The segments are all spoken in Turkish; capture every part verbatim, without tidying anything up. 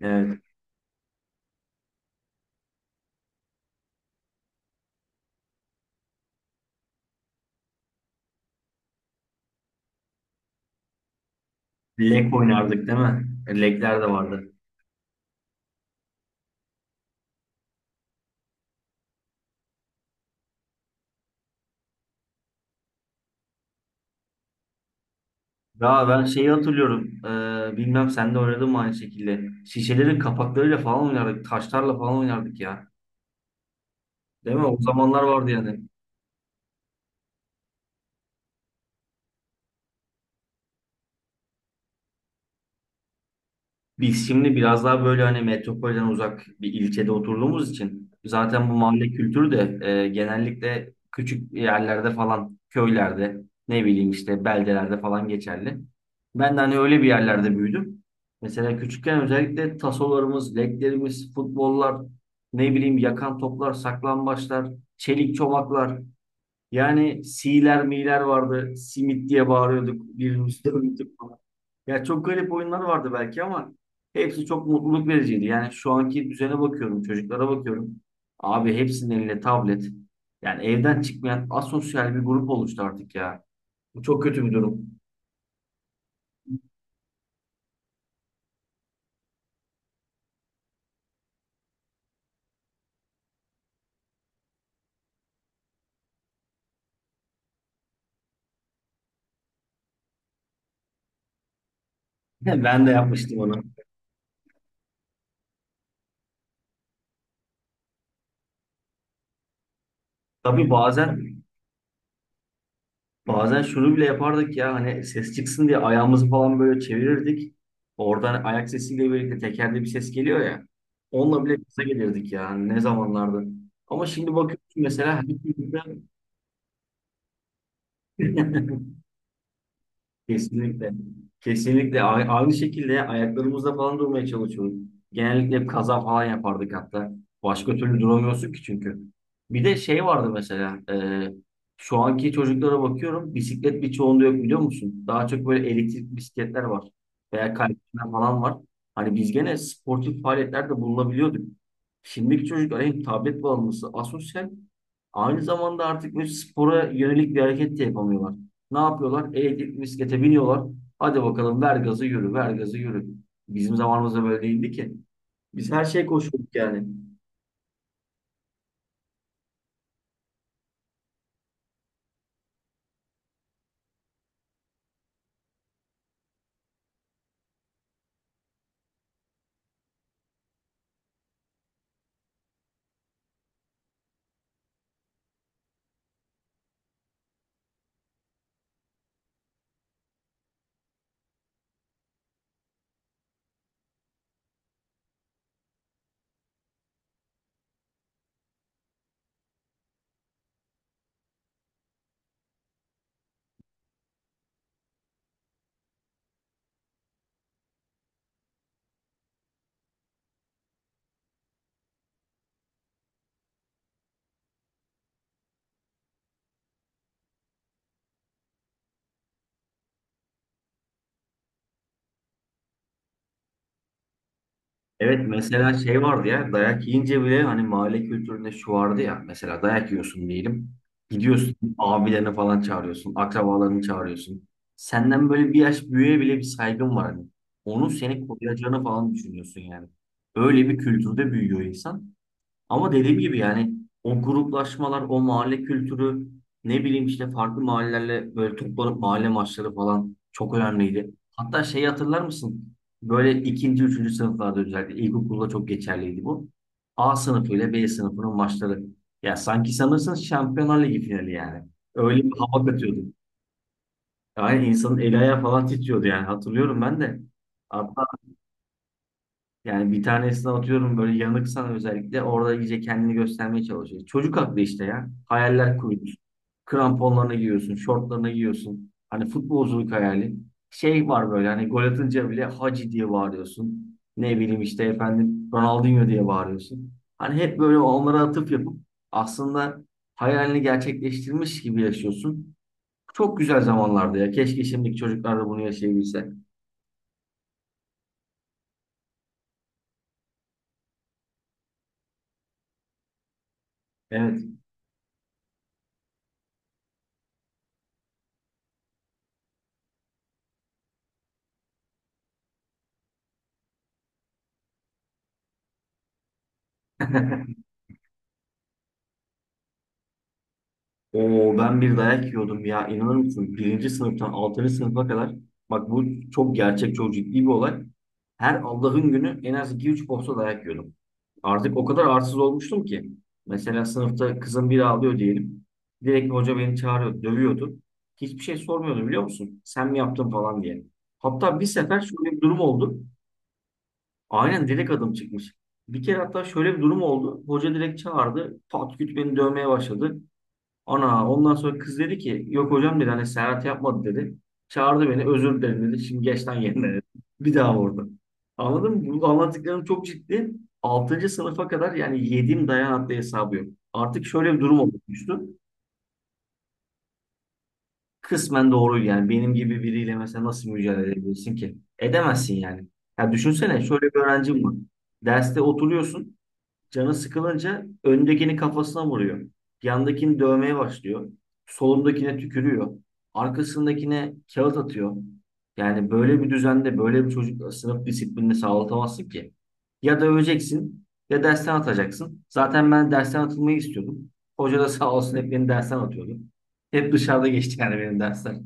Evet. Lek oynardık değil mi? Lekler de vardı. Ya ben şeyi hatırlıyorum. Ee, bilmem sen de oynadın mı aynı şekilde. Şişelerin kapaklarıyla falan oynardık. Taşlarla falan oynardık ya. Değil mi? O zamanlar vardı yani. Biz şimdi biraz daha böyle hani metropolden uzak bir ilçede oturduğumuz için zaten bu mahalle kültürü de e, genellikle küçük yerlerde falan köylerde ne bileyim işte beldelerde falan geçerli. Ben de hani öyle bir yerlerde büyüdüm. Mesela küçükken özellikle tasolarımız, leklerimiz, futbollar, ne bileyim yakan toplar, saklambaçlar, çelik çomaklar. Yani siler miler vardı. Simit diye bağırıyorduk. Birbirimizi dövüyorduk. Ya çok garip oyunlar vardı belki ama hepsi çok mutluluk vericiydi. Yani şu anki düzene bakıyorum, çocuklara bakıyorum. Abi hepsinin elinde tablet. Yani evden çıkmayan asosyal bir grup oluştu artık ya. Bu çok kötü bir durum. Ben de yapmıştım onu. Tabii bazen bazen şunu bile yapardık ya hani ses çıksın diye ayağımızı falan böyle çevirirdik. Oradan ayak sesiyle birlikte tekerde bir ses geliyor ya. Onunla bile gaza gelirdik yani ne zamanlardı. Ama şimdi bakıyorsun mesela. her Kesinlikle. Kesinlikle. A- Aynı şekilde ayaklarımızla falan durmaya çalışıyorum. Genellikle hep kaza falan yapardık hatta. Başka türlü duramıyorsun ki çünkü. Bir de şey vardı mesela. E, şu anki çocuklara bakıyorum. Bisiklet birçoğunda yok biliyor musun? Daha çok böyle elektrik bisikletler var. Veya kaydıraklar falan var. Hani biz gene sportif faaliyetlerde bulunabiliyorduk. Şimdiki çocuklar hem tablet bağımlısı, asosyal. Aynı zamanda artık böyle spora yönelik bir hareket de yapamıyorlar. Ne yapıyorlar? Elektrik bisiklete biniyorlar. Hadi bakalım ver gazı yürü, ver gazı yürü. Bizim zamanımızda böyle değildi ki. Biz her şeye koşuyorduk yani. Evet, mesela şey vardı ya, dayak yiyince bile hani mahalle kültüründe şu vardı ya, mesela dayak yiyorsun diyelim. Gidiyorsun abilerini falan çağırıyorsun, akrabalarını çağırıyorsun. Senden böyle bir yaş büyüğe bile bir saygın var hani. Onun seni koruyacağını falan düşünüyorsun yani. Öyle bir kültürde büyüyor insan. Ama dediğim gibi yani o gruplaşmalar, o mahalle kültürü, ne bileyim işte farklı mahallelerle böyle toplanıp mahalle maçları falan çok önemliydi. Hatta şeyi hatırlar mısın? Böyle ikinci, üçüncü sınıflarda özellikle ilkokulda çok geçerliydi bu. A sınıfı ile B sınıfının maçları. Ya sanki sanırsın Şampiyonlar Ligi finali yani. Öyle bir hava katıyordu. Yani insanın eli ayağı falan titriyordu yani hatırlıyorum ben de. Yani bir tanesini atıyorum, böyle yanıksan özellikle orada iyice kendini göstermeye çalışıyor. Çocuk aklı işte ya. Hayaller kuruyorsun. Kramponlarını giyiyorsun, şortlarını giyiyorsun. Hani futbolculuk hayali. Şey var böyle hani gol atınca bile Hacı diye bağırıyorsun. Ne bileyim işte efendim Ronaldinho diye bağırıyorsun. Hani hep böyle onlara atıf yapıp aslında hayalini gerçekleştirmiş gibi yaşıyorsun. Çok güzel zamanlardı ya. Keşke şimdiki çocuklar da bunu yaşayabilse. Evet. Oo, ben bir dayak yiyordum ya, inanır mısın? Birinci sınıftan altıncı sınıfa kadar, bak bu çok gerçek, çok ciddi bir olay. Her Allah'ın günü en az iki üç posta dayak yiyordum. Artık o kadar arsız olmuştum ki. Mesela sınıfta kızım biri ağlıyor diyelim. Direkt hoca beni çağırıyor, dövüyordu. Hiçbir şey sormuyordu biliyor musun? Sen mi yaptın falan diye. Hatta bir sefer şöyle bir durum oldu. Aynen direkt adım çıkmış. Bir kere hatta şöyle bir durum oldu. Hoca direkt çağırdı. Pat küt beni dövmeye başladı. Ana ondan sonra kız dedi ki yok hocam dedi, hani Serhat yapmadı dedi. Çağırdı beni, özür dilerim dedi. Şimdi geç lan yerine dedi. Bir daha vurdu. Anladın mı? Bu anlattıklarım çok ciddi. Altıncı sınıfa kadar yani yediğim dayan adlı hesabı yok. Artık şöyle bir durum oluştu. Kısmen doğru, yani benim gibi biriyle mesela nasıl mücadele edebilirsin ki? Edemezsin yani. Ya düşünsene, şöyle bir öğrencim var. Derste oturuyorsun. Canı sıkılınca öndekini kafasına vuruyor. Yandakini dövmeye başlıyor. Solundakine tükürüyor. Arkasındakine kağıt atıyor. Yani böyle bir düzende böyle bir çocuk, sınıf disiplini sağlatamazsın ki. Ya döveceksin ya dersten atacaksın. Zaten ben dersten atılmayı istiyordum. Hoca da sağ olsun hep beni dersten atıyordu. Hep dışarıda geçti yani benim dersler.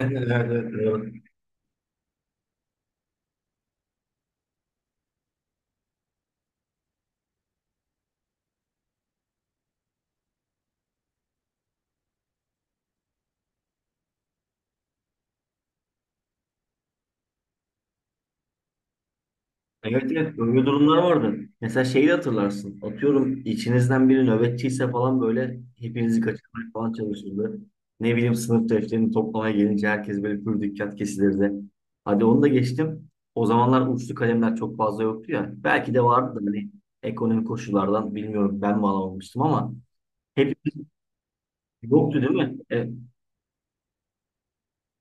Evet, evet, evet, doğru. Evet, evet, evet, böyle durumlar vardı. Mesela şeyi de hatırlarsın. Atıyorum içinizden biri nöbetçiyse falan böyle hepinizi kaçırmaya falan çalışırdı. Ne bileyim sınıf defterini toplamaya gelince herkes böyle pür dikkat kesilirdi. Hadi onu da geçtim. O zamanlar uçlu kalemler çok fazla yoktu ya. Belki de vardı da hani ekonomik koşullardan bilmiyorum, ben mi alamamıştım ama hep yoktu değil mi? E,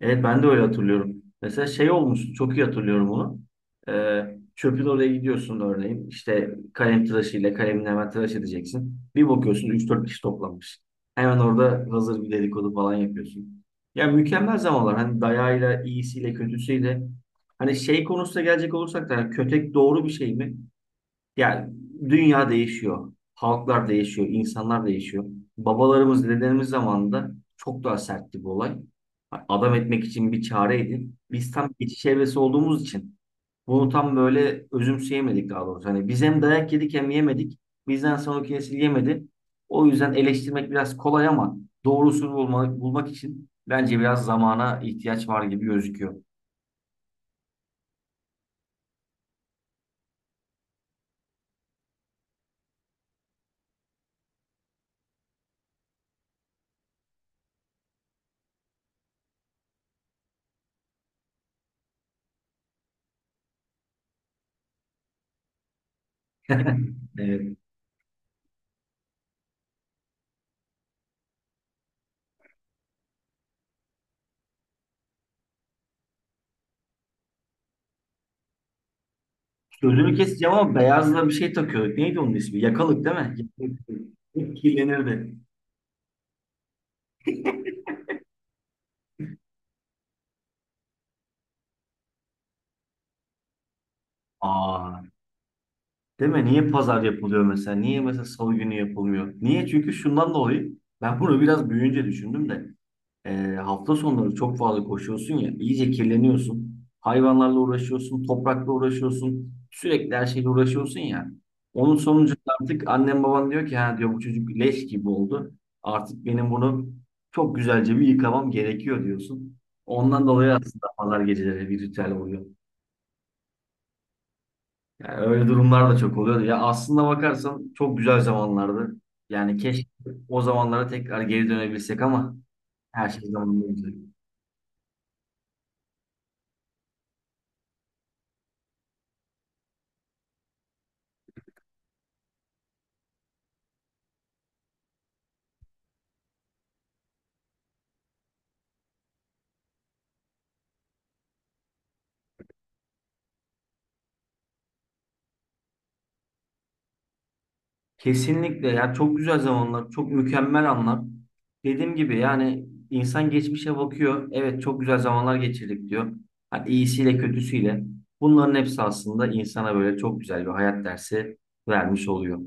Evet, ben de öyle hatırlıyorum. Mesela şey olmuştu, çok iyi hatırlıyorum onu. Ee, Çöpün oraya gidiyorsun örneğin. İşte kalem tıraşıyla kalemini hemen tıraş edeceksin. Bir bakıyorsun üç dört kişi toplanmış. Hemen orada hazır bir dedikodu falan yapıyorsun. Ya mükemmel zamanlar. Hani dayağıyla, iyisiyle, kötüsüyle. Hani şey konusunda gelecek olursak da, hani kötek doğru bir şey mi? Yani dünya değişiyor. Halklar değişiyor. İnsanlar değişiyor. Babalarımız, dedelerimiz zamanında çok daha sertti bu olay. Adam etmek için bir çare edin. Biz tam geçiş evresi olduğumuz için bunu tam böyle özümseyemedik, daha doğrusu. Hani biz hem dayak yedik hem yemedik. Bizden sonraki nesil yemedi. O yüzden eleştirmek biraz kolay ama doğrusunu bulmak, bulmak için bence biraz zamana ihtiyaç var gibi gözüküyor. Evet. Sözünü keseceğim ama beyazla bir şey takıyorduk. Neydi onun ismi? Yakalık değil mi? Yakalık. Hep kirlenirdi. Aa, değil mi? Niye pazar yapılıyor mesela? Niye mesela salı günü yapılmıyor? Niye? Çünkü şundan dolayı, ben bunu biraz büyüyünce düşündüm de. E, hafta sonları çok fazla koşuyorsun ya, iyice kirleniyorsun. Hayvanlarla uğraşıyorsun, toprakla uğraşıyorsun. Sürekli her şeyle uğraşıyorsun ya. Onun sonucunda artık annem baban diyor ki, ha diyor, bu çocuk leş gibi oldu. Artık benim bunu çok güzelce bir yıkamam gerekiyor diyorsun. Ondan dolayı aslında pazar geceleri bir ritüel oluyor. Yani öyle durumlar da çok oluyor. Ya aslında bakarsan çok güzel zamanlardı. Yani keşke o zamanlara tekrar geri dönebilsek ama her şey zamanında. Kesinlikle ya, çok güzel zamanlar, çok mükemmel anlar. Dediğim gibi yani insan geçmişe bakıyor. Evet, çok güzel zamanlar geçirdik diyor. Hani iyisiyle kötüsüyle. Bunların hepsi aslında insana böyle çok güzel bir hayat dersi vermiş oluyor.